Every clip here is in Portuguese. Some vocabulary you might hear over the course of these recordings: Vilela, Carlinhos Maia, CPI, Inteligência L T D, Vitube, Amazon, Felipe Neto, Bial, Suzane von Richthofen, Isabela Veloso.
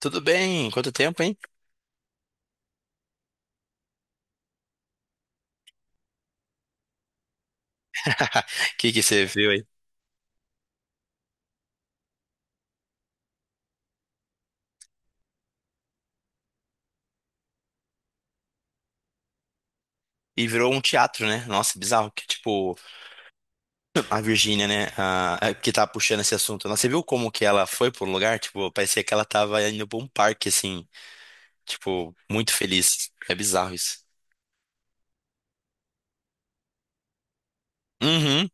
Tudo bem? Quanto tempo, hein? O que que você viu aí? E virou um teatro, né? Nossa, bizarro que tipo a Virgínia, né, que tá puxando esse assunto. Nossa, você viu como que ela foi por um lugar? Tipo, parecia que ela tava indo pra um parque assim, tipo, muito feliz. É bizarro isso. Uhum.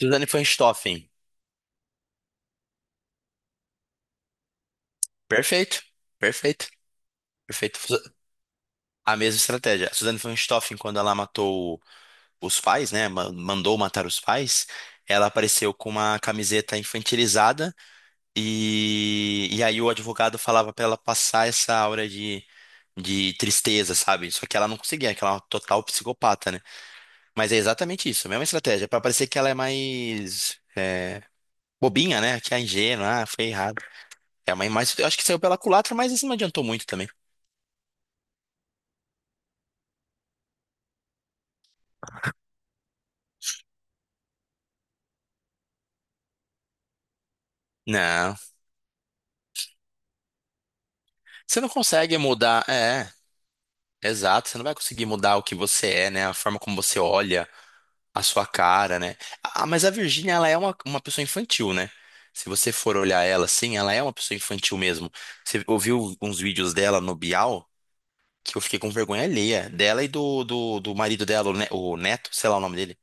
Suzane von Richthofen. Perfeito. Perfeito. Perfeito. A mesma estratégia. A Suzane von Richthofen, quando ela matou os pais, né, mandou matar os pais, ela apareceu com uma camiseta infantilizada. E aí o advogado falava pra ela passar essa aura de tristeza, sabe? Só que ela não conseguia, que ela é uma total psicopata, né? Mas é exatamente isso, a mesma estratégia, pra parecer que ela é mais bobinha, né? Que é ingênua, ah, foi errado. É, mas eu acho que saiu pela culatra, mas isso não adiantou muito também. Não, você não consegue mudar, exato, você não vai conseguir mudar o que você é, né? A forma como você olha, a sua cara, né? Ah, mas a Virgínia, ela é uma pessoa infantil, né? Se você for olhar ela assim, ela é uma pessoa infantil mesmo. Você ouviu uns vídeos dela no Bial, que eu fiquei com vergonha alheia, dela e do marido dela, o Neto, sei lá o nome dele.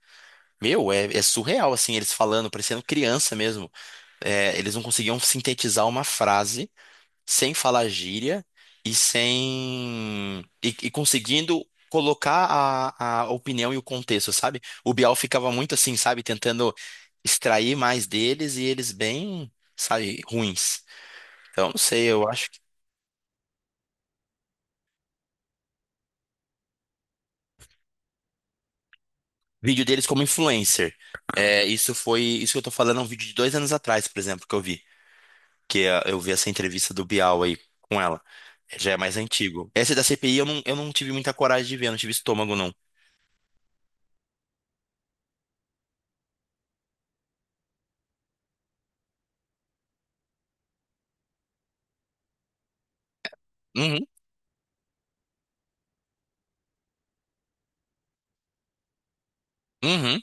Meu, é surreal, assim, eles falando, parecendo criança mesmo. É, eles não conseguiam sintetizar uma frase sem falar gíria e sem e conseguindo colocar a opinião e o contexto, sabe? O Bial ficava muito assim, sabe, tentando extrair mais deles e eles bem, sabe, ruins. Então, não sei, eu acho que vídeo deles como influencer. É, isso foi, isso que eu tô falando é um vídeo de 2 anos atrás, por exemplo, que eu vi, eu vi essa entrevista do Bial aí com ela. Já é mais antigo. Essa da CPI eu não tive muita coragem de ver, não tive estômago, não. Uhum, uhum.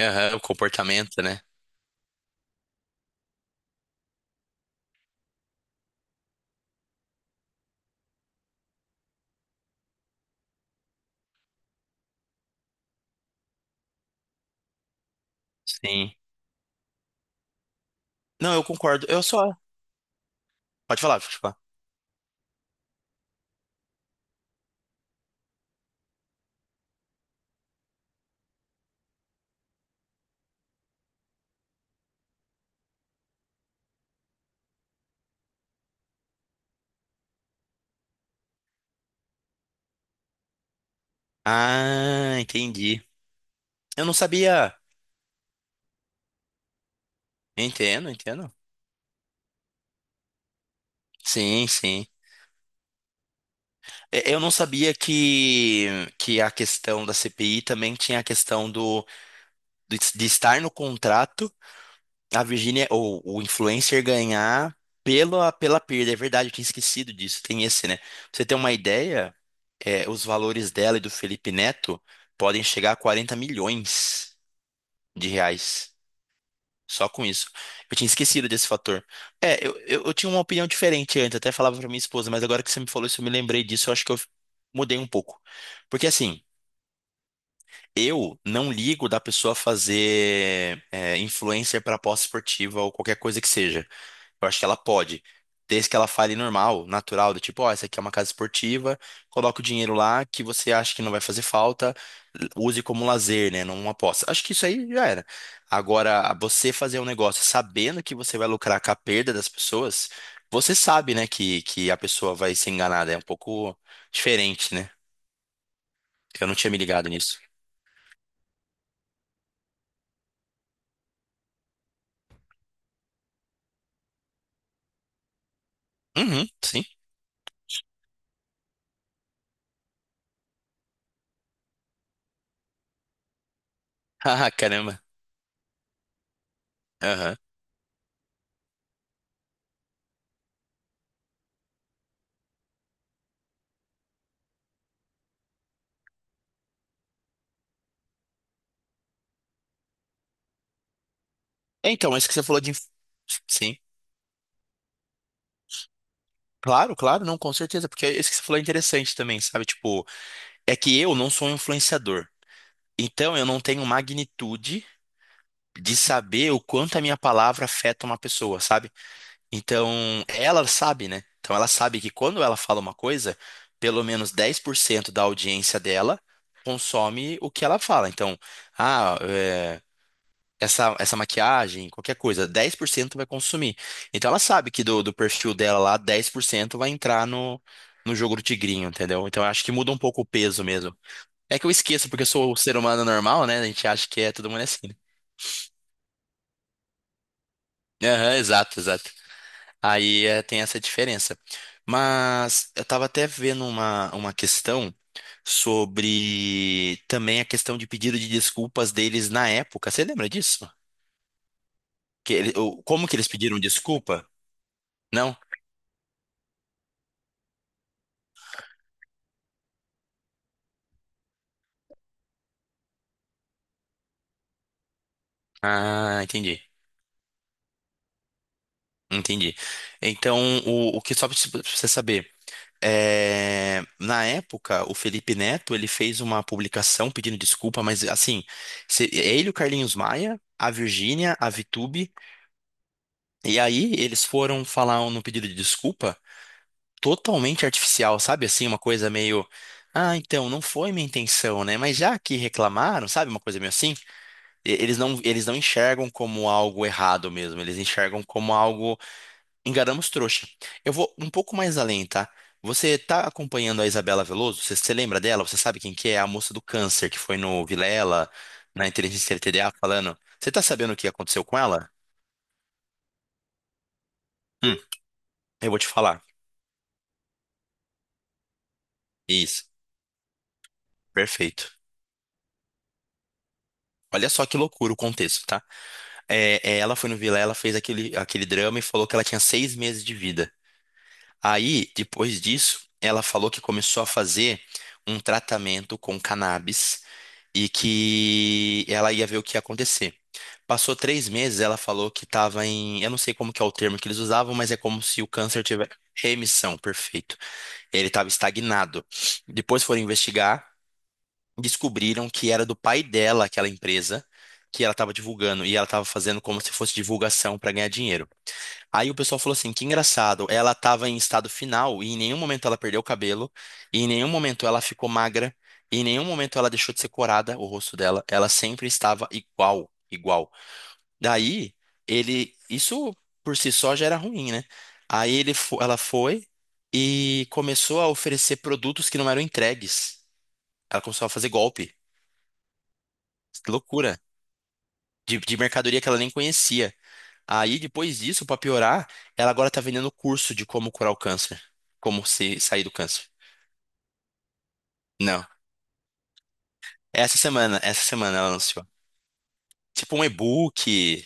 Aham, o comportamento, né? Sim. Não, eu concordo. Eu só. Pode falar, pode falar. Ah, entendi. Eu não sabia. Entendo, entendo. Sim, sim. Eu não sabia que a questão da CPI também tinha a questão de estar no contrato, a Virgínia, ou o influencer ganhar pela perda. É verdade, eu tinha esquecido disso. Tem esse, né? Pra você ter uma ideia, os valores dela e do Felipe Neto podem chegar a quarenta milhões de reais. Só com isso. Eu tinha esquecido desse fator. É, eu tinha uma opinião diferente antes, até falava pra minha esposa, mas agora que você me falou isso, eu me lembrei disso, eu acho que eu mudei um pouco. Porque assim, eu não ligo da pessoa fazer influencer para aposta esportiva ou qualquer coisa que seja. Eu acho que ela pode, desde que ela fale normal, natural, do tipo, ó, essa aqui é uma casa esportiva, coloca o dinheiro lá que você acha que não vai fazer falta, use como lazer, né? Não uma aposta. Acho que isso aí já era. Agora, você fazer um negócio sabendo que você vai lucrar com a perda das pessoas, você sabe, né, que a pessoa vai ser enganada. É um pouco diferente, né? Eu não tinha me ligado nisso. Uhum, sim. Ah, caramba. Aham. É, então, mas isso que você falou Sim. Claro, claro, não, com certeza, porque isso que você falou é interessante também, sabe? Tipo, é que eu não sou um influenciador. Então eu não tenho magnitude de saber o quanto a minha palavra afeta uma pessoa, sabe? Então ela sabe, né? Então ela sabe que quando ela fala uma coisa, pelo menos 10% da audiência dela consome o que ela fala. Então, ah, essa maquiagem, qualquer coisa, 10% vai consumir. Então ela sabe que do perfil dela lá, 10% vai entrar no jogo do tigrinho, entendeu? Então eu acho que muda um pouco o peso mesmo. É que eu esqueço, porque eu sou um ser humano normal, né? A gente acha que é todo mundo é assim, né? Aham, exato, exato. Aí tem essa diferença. Mas eu tava até vendo uma questão sobre também a questão de pedido de desculpas deles na época. Você lembra disso? Que como que eles pediram desculpa? Não? Ah, entendi. Entendi. Então, o que só pra você saber, na época, o Felipe Neto, ele fez uma publicação pedindo desculpa, mas assim, ele, o Carlinhos Maia, a Virgínia, a Vitube, e aí eles foram falar no pedido de desculpa totalmente artificial, sabe? Assim, uma coisa meio, ah, então, não foi minha intenção, né? Mas já que reclamaram, sabe? Uma coisa meio assim, eles não enxergam como algo errado mesmo, eles enxergam como algo. Enganamos trouxa. Eu vou um pouco mais além, tá? Você tá acompanhando a Isabela Veloso? Você lembra dela? Você sabe quem que é? A moça do câncer que foi no Vilela, na Inteligência LTDA falando. Você tá sabendo o que aconteceu com ela? Hum, eu vou te falar. Isso, perfeito. Olha só que loucura o contexto, tá? Ela foi no Vilela, fez aquele drama e falou que ela tinha 6 meses de vida. Aí, depois disso, ela falou que começou a fazer um tratamento com cannabis e que ela ia ver o que ia acontecer. Passou 3 meses, ela falou que estava em. Eu não sei como que é o termo que eles usavam, mas é como se o câncer tivesse remissão, perfeito. Ele estava estagnado. Depois foram investigar, descobriram que era do pai dela aquela empresa que ela estava divulgando, e ela estava fazendo como se fosse divulgação para ganhar dinheiro. Aí o pessoal falou assim, que engraçado, ela estava em estado final e em nenhum momento ela perdeu o cabelo, e em nenhum momento ela ficou magra, e em nenhum momento ela deixou de ser corada, o rosto dela, ela sempre estava igual, igual. Daí, isso por si só já era ruim, né? Aí ela foi e começou a oferecer produtos que não eram entregues. Ela começou a fazer golpe. Que loucura. De mercadoria que ela nem conhecia. Aí, depois disso, pra piorar, ela agora tá vendendo curso de como curar o câncer. Como se sair do câncer. Não. Essa semana ela lançou. Tipo um e-book.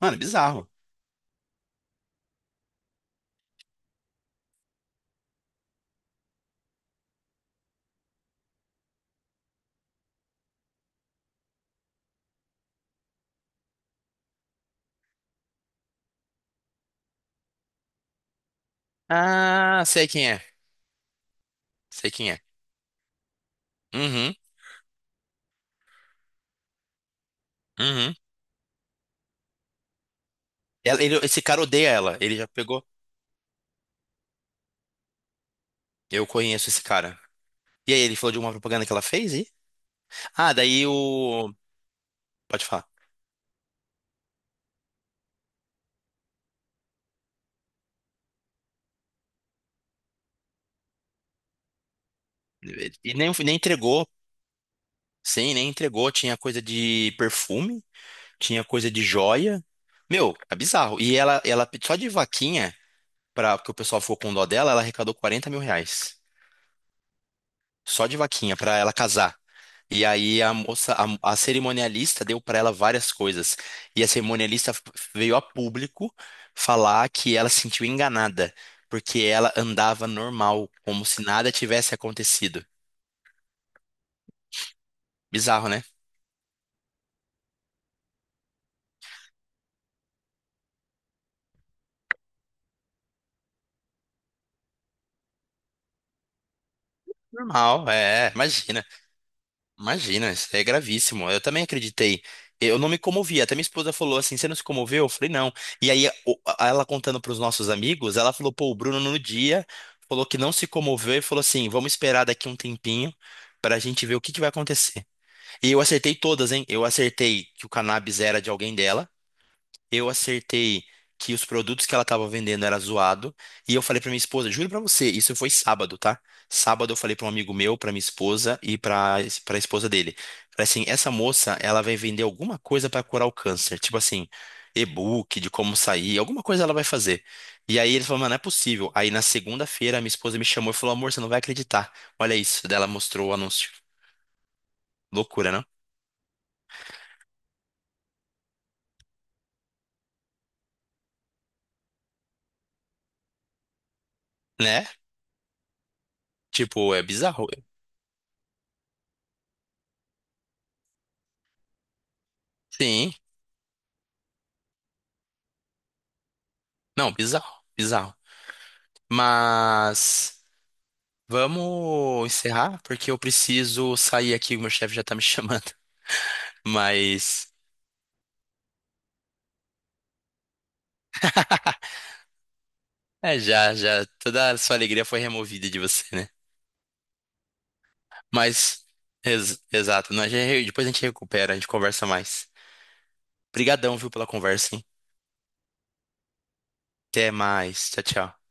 Mano, é bizarro. Ah, sei quem é. Sei quem é. Uhum, uhum. Esse cara odeia ela. Ele já pegou. Eu conheço esse cara. E aí, ele falou de uma propaganda que ela fez e... Ah, daí o... Pode falar. E nem entregou. Sim, nem entregou. Tinha coisa de perfume. Tinha coisa de joia. Meu, é bizarro. E ela só de vaquinha, porque o pessoal ficou com dó dela, ela arrecadou R$ 40 mil. Só de vaquinha, pra ela casar. E aí a moça, a cerimonialista deu pra ela várias coisas. E a cerimonialista veio a público falar que ela se sentiu enganada, porque ela andava normal, como se nada tivesse acontecido. Bizarro, né? Normal, imagina. Imagina, isso é gravíssimo. Eu também acreditei. Eu não me comovi. Até minha esposa falou assim: você não se comoveu? Eu falei, não. E aí, ela contando para os nossos amigos, ela falou: pô, o Bruno no dia falou que não se comoveu e falou assim: vamos esperar daqui um tempinho para a gente ver o que que vai acontecer. E eu acertei todas, hein? Eu acertei que o cannabis era de alguém dela. Eu acertei que os produtos que ela estava vendendo era zoado. E eu falei pra minha esposa, juro pra você, isso foi sábado, tá? Sábado eu falei pra um amigo meu, pra minha esposa e pra para esposa dele. Falei assim, essa moça, ela vai vender alguma coisa pra curar o câncer, tipo assim, e-book de como sair, alguma coisa ela vai fazer. E aí ele falou, mano, não é possível. Aí na segunda-feira minha esposa me chamou e falou, amor, você não vai acreditar. Olha isso. Daí ela mostrou o anúncio. Loucura, não? Né? Tipo, é bizarro. Sim. Não, bizarro. Bizarro. Mas vamos encerrar, porque eu preciso sair aqui, o meu chefe já tá me chamando. Mas já, já, toda a sua alegria foi removida de você, né? Mas, exato, nós já, depois a gente recupera, a gente conversa mais. Obrigadão, viu, pela conversa, hein? Até mais, tchau, tchau.